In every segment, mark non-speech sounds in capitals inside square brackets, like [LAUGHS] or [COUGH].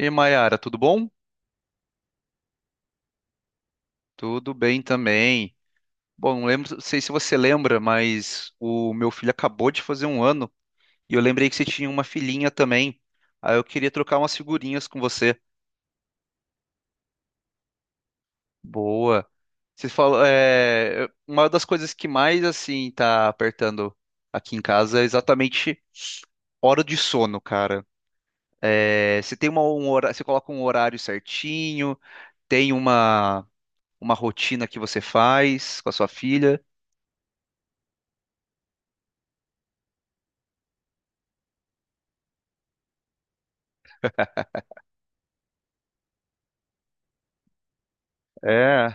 E aí, Mayara, tudo bom? Tudo bem também. Bom, não lembro, não sei se você lembra, mas o meu filho acabou de fazer um ano e eu lembrei que você tinha uma filhinha também. Aí eu queria trocar umas figurinhas com você. Boa. Você falou, uma das coisas que mais assim tá apertando aqui em casa é exatamente hora de sono, cara. É, você tem uma, um horário, você coloca um horário certinho, tem uma rotina que você faz com a sua filha. É.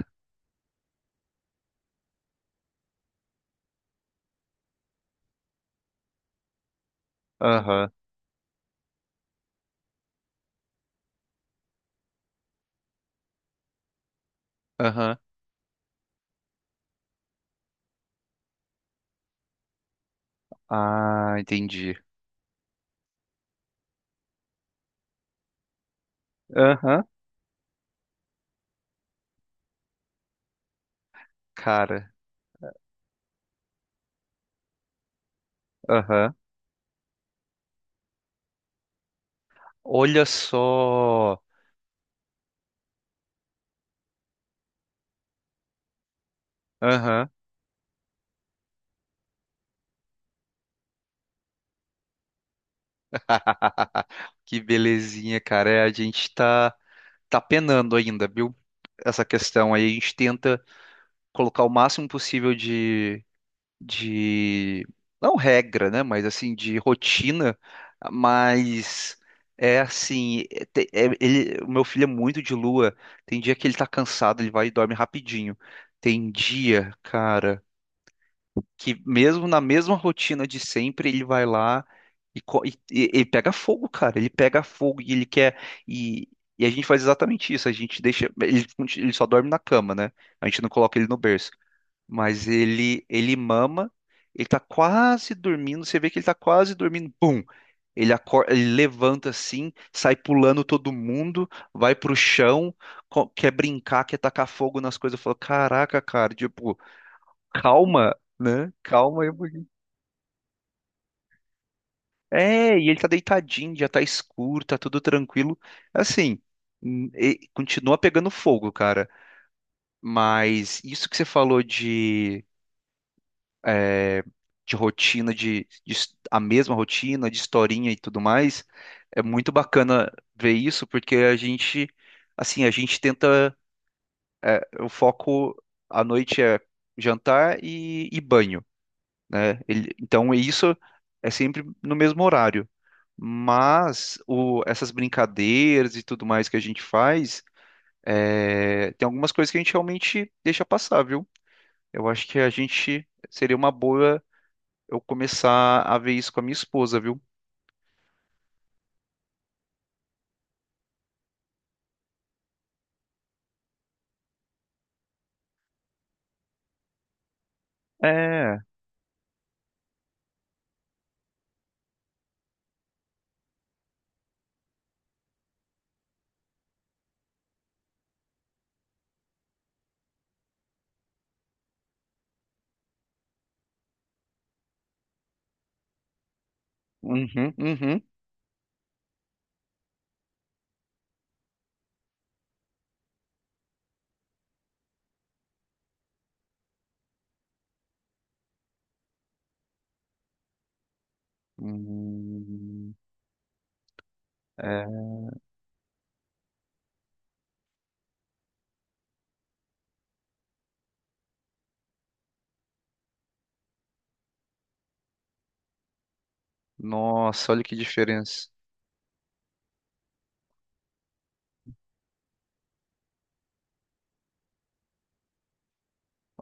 Aham. Aham. Ah, entendi. Aham, cara. Aham. Olha só. Aham. [LAUGHS] Que belezinha, cara. É, a gente tá, tá penando ainda, viu? Essa questão aí. A gente tenta colocar o máximo possível de... Não regra, né? Mas assim, de rotina. Mas é assim... ele, o meu filho é muito de lua. Tem dia que ele tá cansado, ele vai e dorme rapidinho. Tem dia, cara... que mesmo na mesma rotina de sempre, ele vai lá e, ele pega fogo, cara. Ele pega fogo e ele quer. E, e a gente faz exatamente isso. A gente deixa. Ele só dorme na cama, né? A gente não coloca ele no berço. Mas ele mama, ele tá quase dormindo. Você vê que ele tá quase dormindo. Pum! Ele acorda, ele levanta assim, sai pulando todo mundo, vai pro chão, quer brincar, quer tacar fogo nas coisas. Eu falo, caraca, cara, tipo, calma né? Calma aí. É, e ele tá deitadinho, já tá escuro, tá tudo tranquilo. Assim, continua pegando fogo, cara. Mas isso que você falou de, é, de rotina, de, a mesma rotina, de historinha e tudo mais, é muito bacana ver isso, porque a gente, assim, a gente tenta, o foco à noite é jantar e banho né? Ele, então isso é sempre no mesmo horário. Mas o, essas brincadeiras e tudo mais que a gente faz, tem algumas coisas que a gente realmente deixa passar, viu? Eu acho que a gente seria uma boa eu começar a ver isso com a minha esposa, viu? É. Uhum, uhum. Hum, é. Nossa, olha que diferença.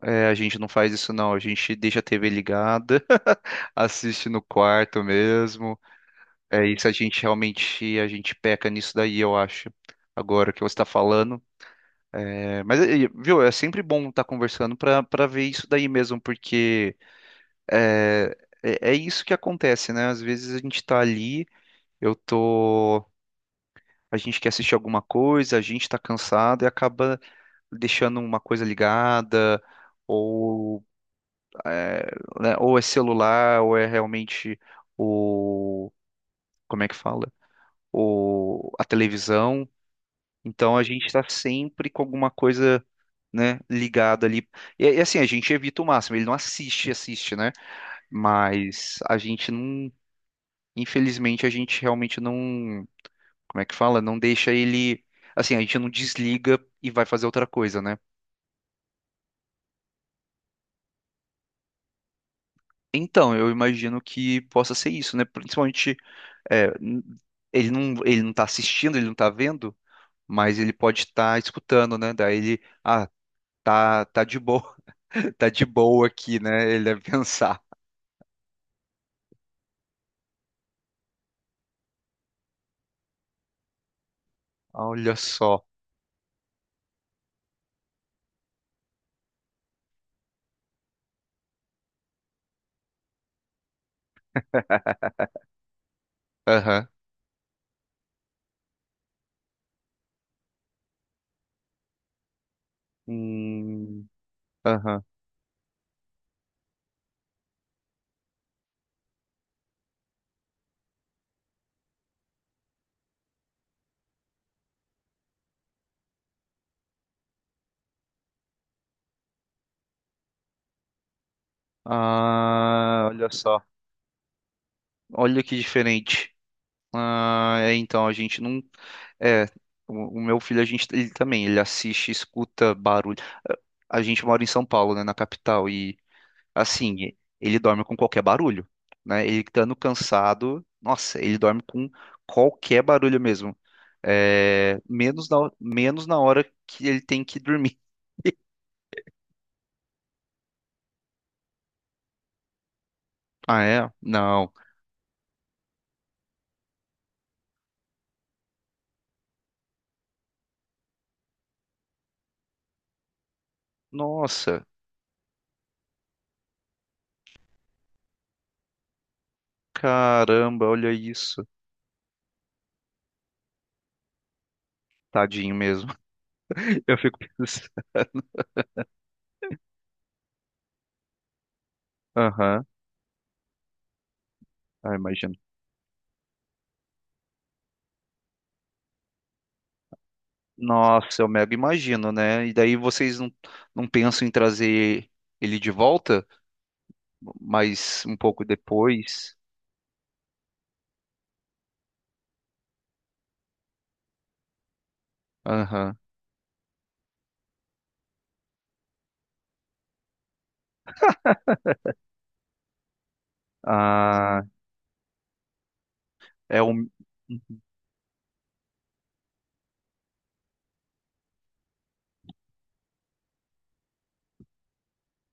É, a gente não faz isso não, a gente deixa a TV ligada, [LAUGHS] assiste no quarto mesmo. É isso, a gente realmente a gente peca nisso daí, eu acho. Agora que você está falando. É, mas, viu, é sempre bom estar conversando para ver isso daí mesmo, porque é, é isso que acontece, né? Às vezes a gente tá ali, eu tô. A gente quer assistir alguma coisa, a gente tá cansado e acaba deixando uma coisa ligada, ou, é, né, ou é celular, ou é realmente o. Como é que fala? O, a televisão. Então a gente está sempre com alguma coisa, né, ligada ali. E assim, a gente evita o máximo. Ele não assiste, assiste, né? Mas a gente não, infelizmente, a gente realmente não, como é que fala? Não deixa ele, assim, a gente não desliga e vai fazer outra coisa, né? Então, eu imagino que possa ser isso, né? Principalmente, é, n- ele não tá assistindo, ele não tá vendo, mas ele pode estar escutando, né? Daí ele, ah, tá, tá de boa, [LAUGHS] tá de boa aqui, né? Ele deve pensar. Olha só. Aham. Hum. Aham. Ah, olha só. Olha que diferente. Ah, é, então, a gente não. É, o meu filho, a gente, ele também, ele assiste, escuta barulho. A a gente mora em São Paulo, né, na capital, e assim, ele dorme com qualquer barulho, né? Ele estando cansado, nossa, ele dorme com qualquer barulho mesmo. É, menos na hora que ele tem que dormir. Ah, é? Não. Nossa. Caramba, olha isso. Tadinho mesmo. [LAUGHS] Eu fico pensando. Aham, ah, imagino. Nossa, eu mega imagino, né? E daí vocês não, não pensam em trazer ele de volta, mas um pouco depois. Aham. Ah, é um,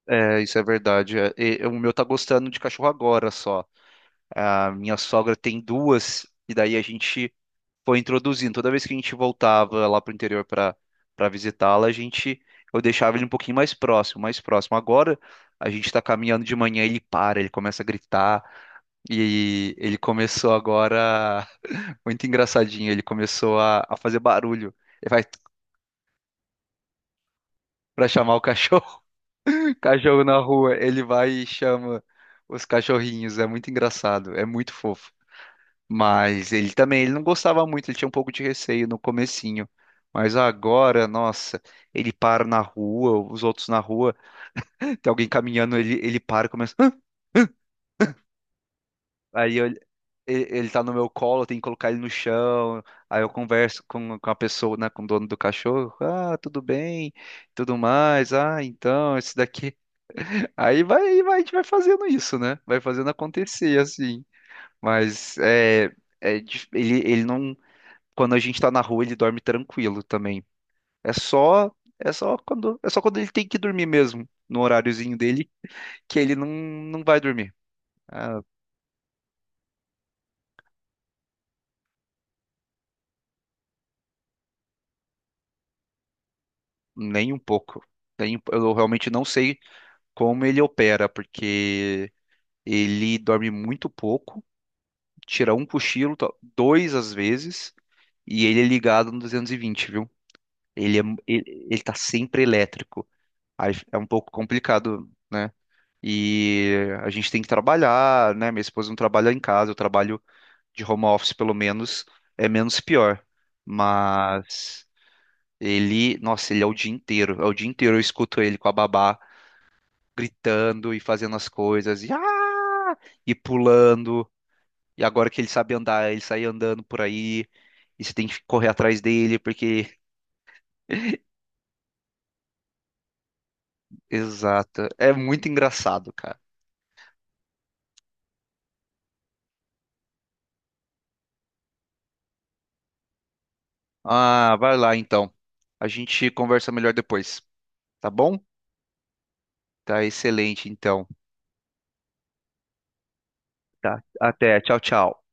é, isso é verdade. O meu tá gostando de cachorro agora só. A minha sogra tem duas, e daí a gente foi introduzindo. Toda vez que a gente voltava lá pro interior para visitá-la, a gente eu deixava ele um pouquinho mais próximo, mais próximo. Agora a gente está caminhando de manhã, ele para, ele começa a gritar e ele começou agora [LAUGHS] muito engraçadinho, ele começou a fazer barulho. Ele vai para chamar o cachorro, [LAUGHS] cachorro na rua, ele vai e chama os cachorrinhos, é muito engraçado, é muito fofo. Mas ele também, ele não gostava muito, ele tinha um pouco de receio no comecinho. Mas agora, nossa, ele para na rua, os outros na rua, [LAUGHS] tem alguém caminhando, ele para e começa. "Hã?" Aí eu- ele, ele tá no meu colo, eu tenho que colocar ele no chão. Aí eu converso com a pessoa, né, com o dono do cachorro. Ah, tudo bem, tudo mais. Ah, então, esse daqui. [LAUGHS] Aí vai, a gente vai fazendo isso, né? Vai fazendo acontecer, assim. Mas é, ele, ele não. Quando a gente tá na rua, ele dorme tranquilo também. É só, é só quando ele tem que dormir mesmo, no horáriozinho dele, que ele não, não vai dormir. Ah, nem um pouco. Eu realmente não sei como ele opera, porque ele dorme muito pouco, tira um cochilo, dois às vezes, e ele é ligado no 220, viu? Ele, ele tá sempre elétrico. Aí é um pouco complicado, né? E a gente tem que trabalhar, né? Minha esposa não trabalha em casa, eu trabalho de home office pelo menos, é menos pior. Mas ele, nossa, ele é o dia inteiro, é o dia inteiro eu escuto ele com a babá gritando e fazendo as coisas, e, ah! e pulando. E agora que ele sabe andar, ele sai andando por aí, e você tem que correr atrás dele, porque. [LAUGHS] Exato, é muito engraçado, cara. Ah, vai lá então. A gente conversa melhor depois, tá bom? Tá excelente, então. Tá. Até. Tchau, tchau.